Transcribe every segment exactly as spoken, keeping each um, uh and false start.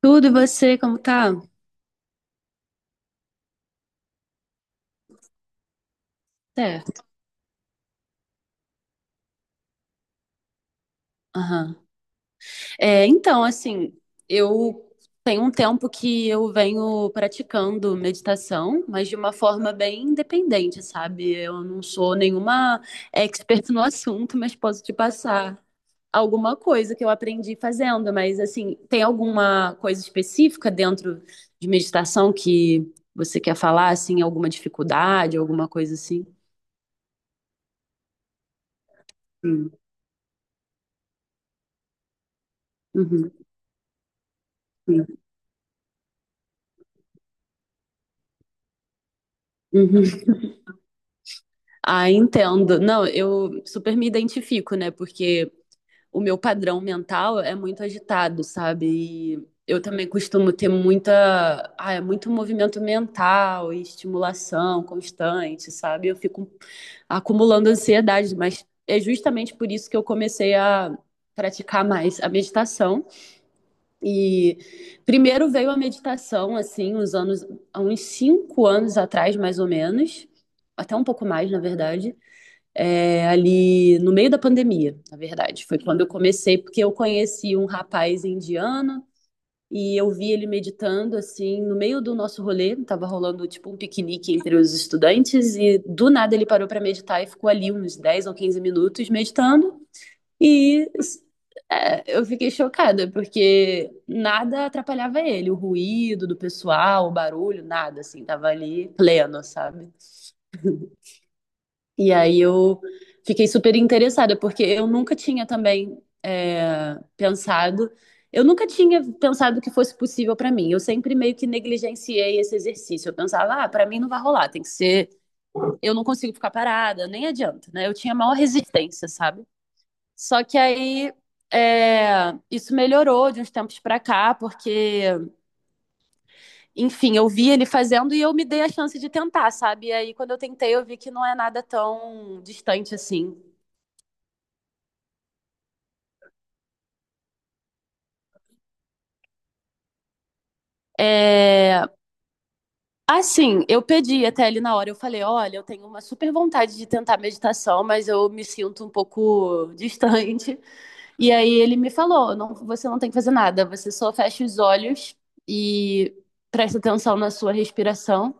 Tudo e você, como tá? Certo. Aham. É, então, assim, eu tenho um tempo que eu venho praticando meditação, mas de uma forma bem independente, sabe? Eu não sou nenhuma expert no assunto, mas posso te passar alguma coisa que eu aprendi fazendo. Mas, assim, tem alguma coisa específica dentro de meditação que você quer falar, assim, alguma dificuldade, alguma coisa assim? Sim. Uhum. Sim. Uhum. Ah, entendo. Não, eu super me identifico, né? Porque o meu padrão mental é muito agitado, sabe? E eu também costumo ter muita, ah, é muito movimento mental e estimulação constante, sabe? Eu fico acumulando ansiedade, mas é justamente por isso que eu comecei a praticar mais a meditação. E primeiro veio a meditação, assim, uns anos, há uns cinco anos atrás, mais ou menos, até um pouco mais, na verdade é, ali no meio da pandemia, na verdade. Foi quando eu comecei, porque eu conheci um rapaz indiano e eu vi ele meditando assim no meio do nosso rolê, tava rolando tipo um piquenique entre os estudantes e do nada ele parou para meditar e ficou ali uns dez ou quinze minutos meditando e é, eu fiquei chocada porque nada atrapalhava ele, o ruído do pessoal, o barulho, nada assim, tava ali pleno, sabe? E aí eu fiquei super interessada, porque eu nunca tinha também é, pensado, eu nunca tinha pensado que fosse possível para mim. Eu sempre meio que negligenciei esse exercício. Eu pensava, ah, para mim não vai rolar, tem que ser, eu não consigo ficar parada, nem adianta, né? Eu tinha maior resistência, sabe? Só que aí é, isso melhorou de uns tempos pra cá, porque, enfim, eu vi ele fazendo e eu me dei a chance de tentar, sabe? E aí, quando eu tentei, eu vi que não é nada tão distante assim. É, assim, eu pedi até ele na hora, eu falei, olha, eu tenho uma super vontade de tentar meditação, mas eu me sinto um pouco distante. E aí ele me falou, não, você não tem que fazer nada, você só fecha os olhos e presta atenção na sua respiração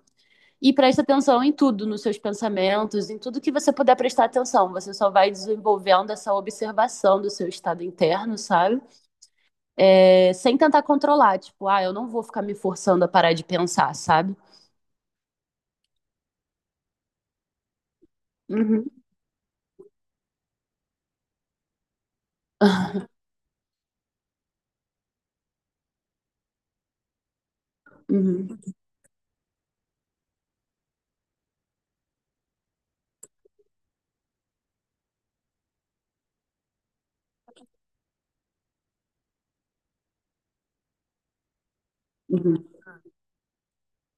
e presta atenção em tudo, nos seus pensamentos, em tudo que você puder prestar atenção. Você só vai desenvolvendo essa observação do seu estado interno, sabe? É, sem tentar controlar, tipo, ah, eu não vou ficar me forçando a parar de pensar, sabe? Uhum. Uhum. Uhum.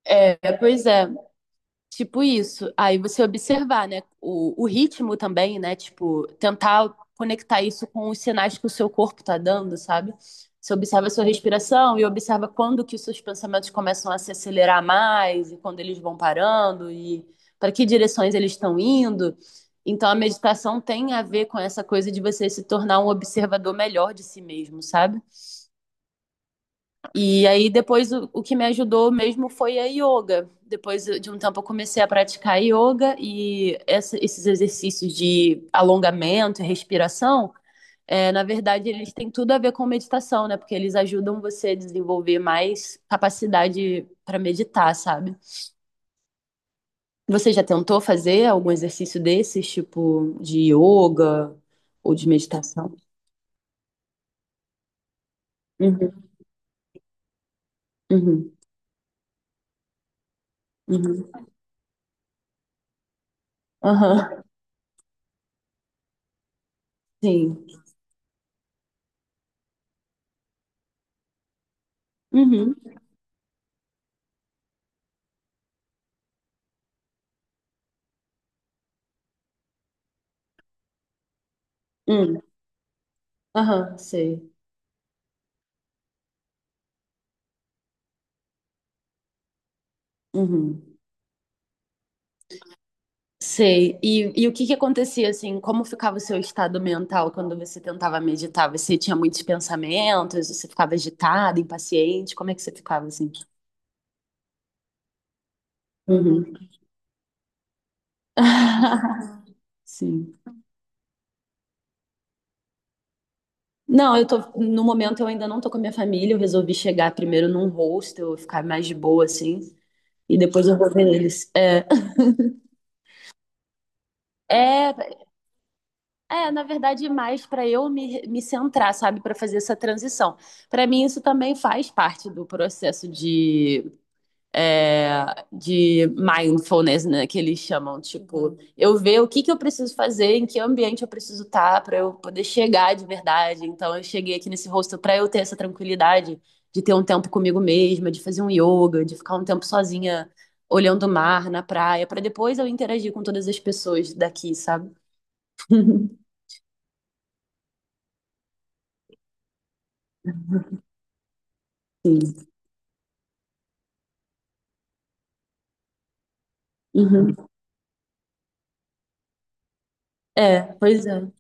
É, pois é, tipo isso. Aí você observar, né, o, o ritmo também, né, tipo, tentar conectar isso com os sinais que o seu corpo tá dando, sabe? Você observa a sua respiração e observa quando que os seus pensamentos começam a se acelerar mais e quando eles vão parando e para que direções eles estão indo. Então a meditação tem a ver com essa coisa de você se tornar um observador melhor de si mesmo, sabe? E aí depois o, o que me ajudou mesmo foi a yoga. Depois de um tempo eu comecei a praticar yoga e essa- esses exercícios de alongamento e respiração, é, na verdade eles têm tudo a ver com meditação, né? Porque eles ajudam você a desenvolver mais capacidade para meditar, sabe? Você já tentou fazer algum exercício desses, tipo de yoga ou de meditação? Uhum, uhum, uhum, aham, sim, uhum, uhum, aham, sei. Uhum. Sei. E, e o que que acontecia assim? Como ficava o seu estado mental quando você tentava meditar? Você tinha muitos pensamentos? Você ficava agitada, impaciente? Como é que você ficava assim? Uhum. Sim. Não, eu tô, no momento eu ainda não tô com a minha família, eu resolvi chegar primeiro num hostel, ficar mais de boa assim, e depois eu vou ver eles. É, é, é na verdade, mais para eu me, me centrar, sabe, para fazer essa transição. Para mim isso também faz parte do processo de é, de mindfulness, né, que eles chamam, tipo, eu ver o que que eu preciso fazer, em que ambiente eu preciso estar para eu poder chegar de verdade. Então eu cheguei aqui nesse hostel para eu ter essa tranquilidade de ter um tempo comigo mesma, de fazer um yoga, de ficar um tempo sozinha olhando o mar na praia, para depois eu interagir com todas as pessoas daqui, sabe? Sim. Uhum. É, pois é.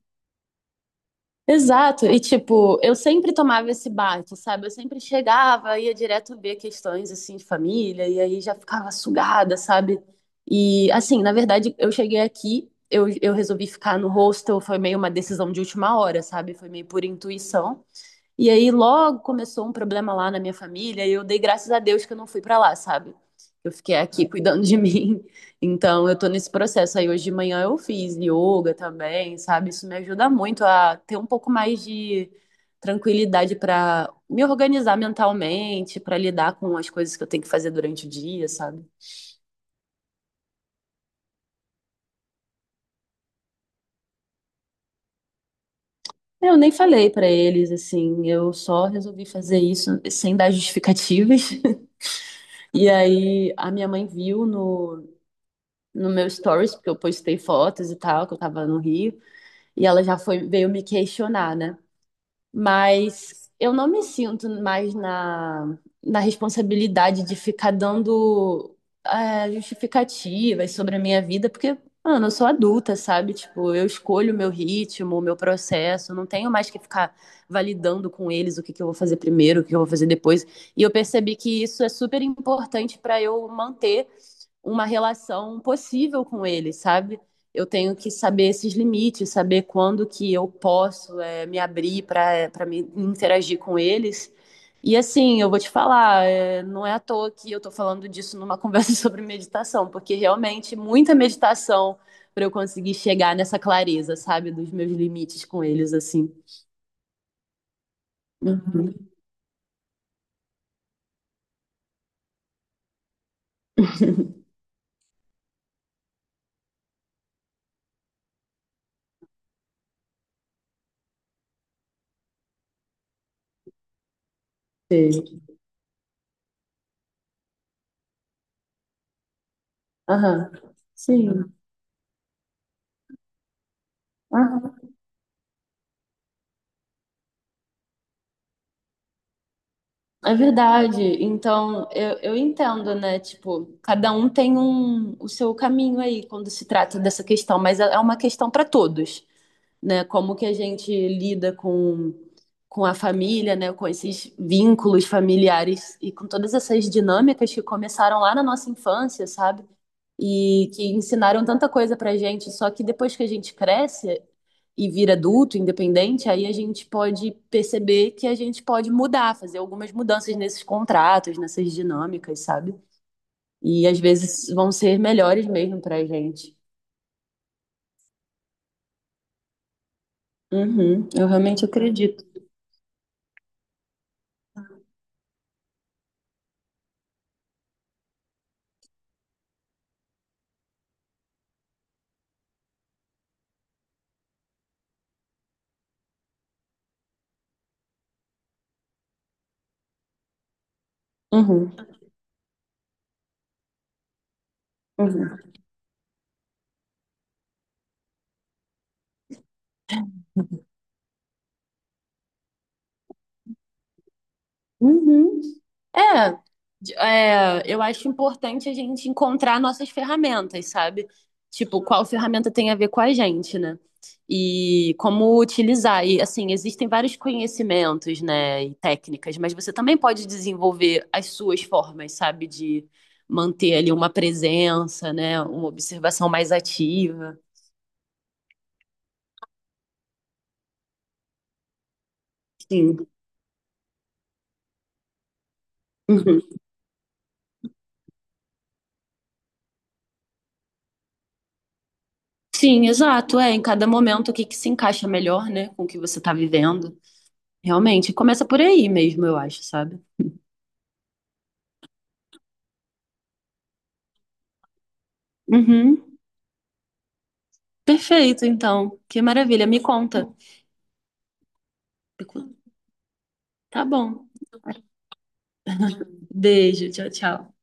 Exato, e tipo, eu sempre tomava esse baque, sabe? Eu sempre chegava, ia direto ver questões assim de família, e aí já ficava sugada, sabe? E assim, na verdade, eu cheguei aqui, eu, eu resolvi ficar no hostel, foi meio uma decisão de última hora, sabe? Foi meio por intuição. E aí logo começou um problema lá na minha família e eu dei graças a Deus que eu não fui pra lá, sabe? Eu fiquei aqui cuidando de mim. Então eu tô nesse processo aí. Hoje de manhã eu fiz yoga também, sabe? Isso me ajuda muito a ter um pouco mais de tranquilidade pra me organizar mentalmente, pra lidar com as coisas que eu tenho que fazer durante o dia, sabe? Eu nem falei pra eles assim, eu só resolvi fazer isso sem dar justificativas. E aí a minha mãe viu no no meu stories, porque eu postei fotos e tal, que eu tava no Rio, e ela já foi, veio me questionar, né? Mas eu não me sinto mais na, na responsabilidade de ficar dando é, justificativas sobre a minha vida, porque, mano, eu sou adulta, sabe? Tipo, eu escolho o meu ritmo, o meu processo, não tenho mais que ficar validando com eles o que que eu vou fazer primeiro, o que eu vou fazer depois. E eu percebi que isso é super importante para eu manter uma relação possível com ele, sabe? Eu tenho que saber esses limites, saber quando que eu posso é, me abrir para para me interagir com eles. E assim, eu vou te falar, é, não é à toa que eu tô falando disso numa conversa sobre meditação, porque realmente muita meditação para eu conseguir chegar nessa clareza, sabe, dos meus limites com eles, assim. Uhum. Sei. Aham. Sim. Aham. É verdade. Então, eu, eu entendo, né? Tipo, cada um tem um, o seu caminho aí quando se trata dessa questão, mas é é uma questão para todos, né? Como que a gente lida com, com a família, né? Com esses vínculos familiares e com todas essas dinâmicas que começaram lá na nossa infância, sabe? E que ensinaram tanta coisa pra gente, só que depois que a gente cresce e vira adulto, independente, aí a gente pode perceber que a gente pode mudar, fazer algumas mudanças nesses contratos, nessas dinâmicas, sabe? E às vezes vão ser melhores mesmo pra gente. Uhum, eu realmente acredito. Uhum. Uhum. É, de- é, eu acho importante a gente encontrar nossas ferramentas, sabe? Tipo, qual ferramenta tem a ver com a gente, né? E como utilizar. E, assim, existem vários conhecimentos, né, e técnicas, mas você também pode desenvolver as suas formas, sabe? De manter ali uma presença, né? Uma observação mais ativa. Sim. Uhum. Sim, exato. É, em cada momento o que que se encaixa melhor, né, com o que você tá vivendo. Realmente, começa por aí mesmo, eu acho, sabe? Uhum. Perfeito, então. Que maravilha. Me conta. Tá bom. Beijo. Tchau, tchau.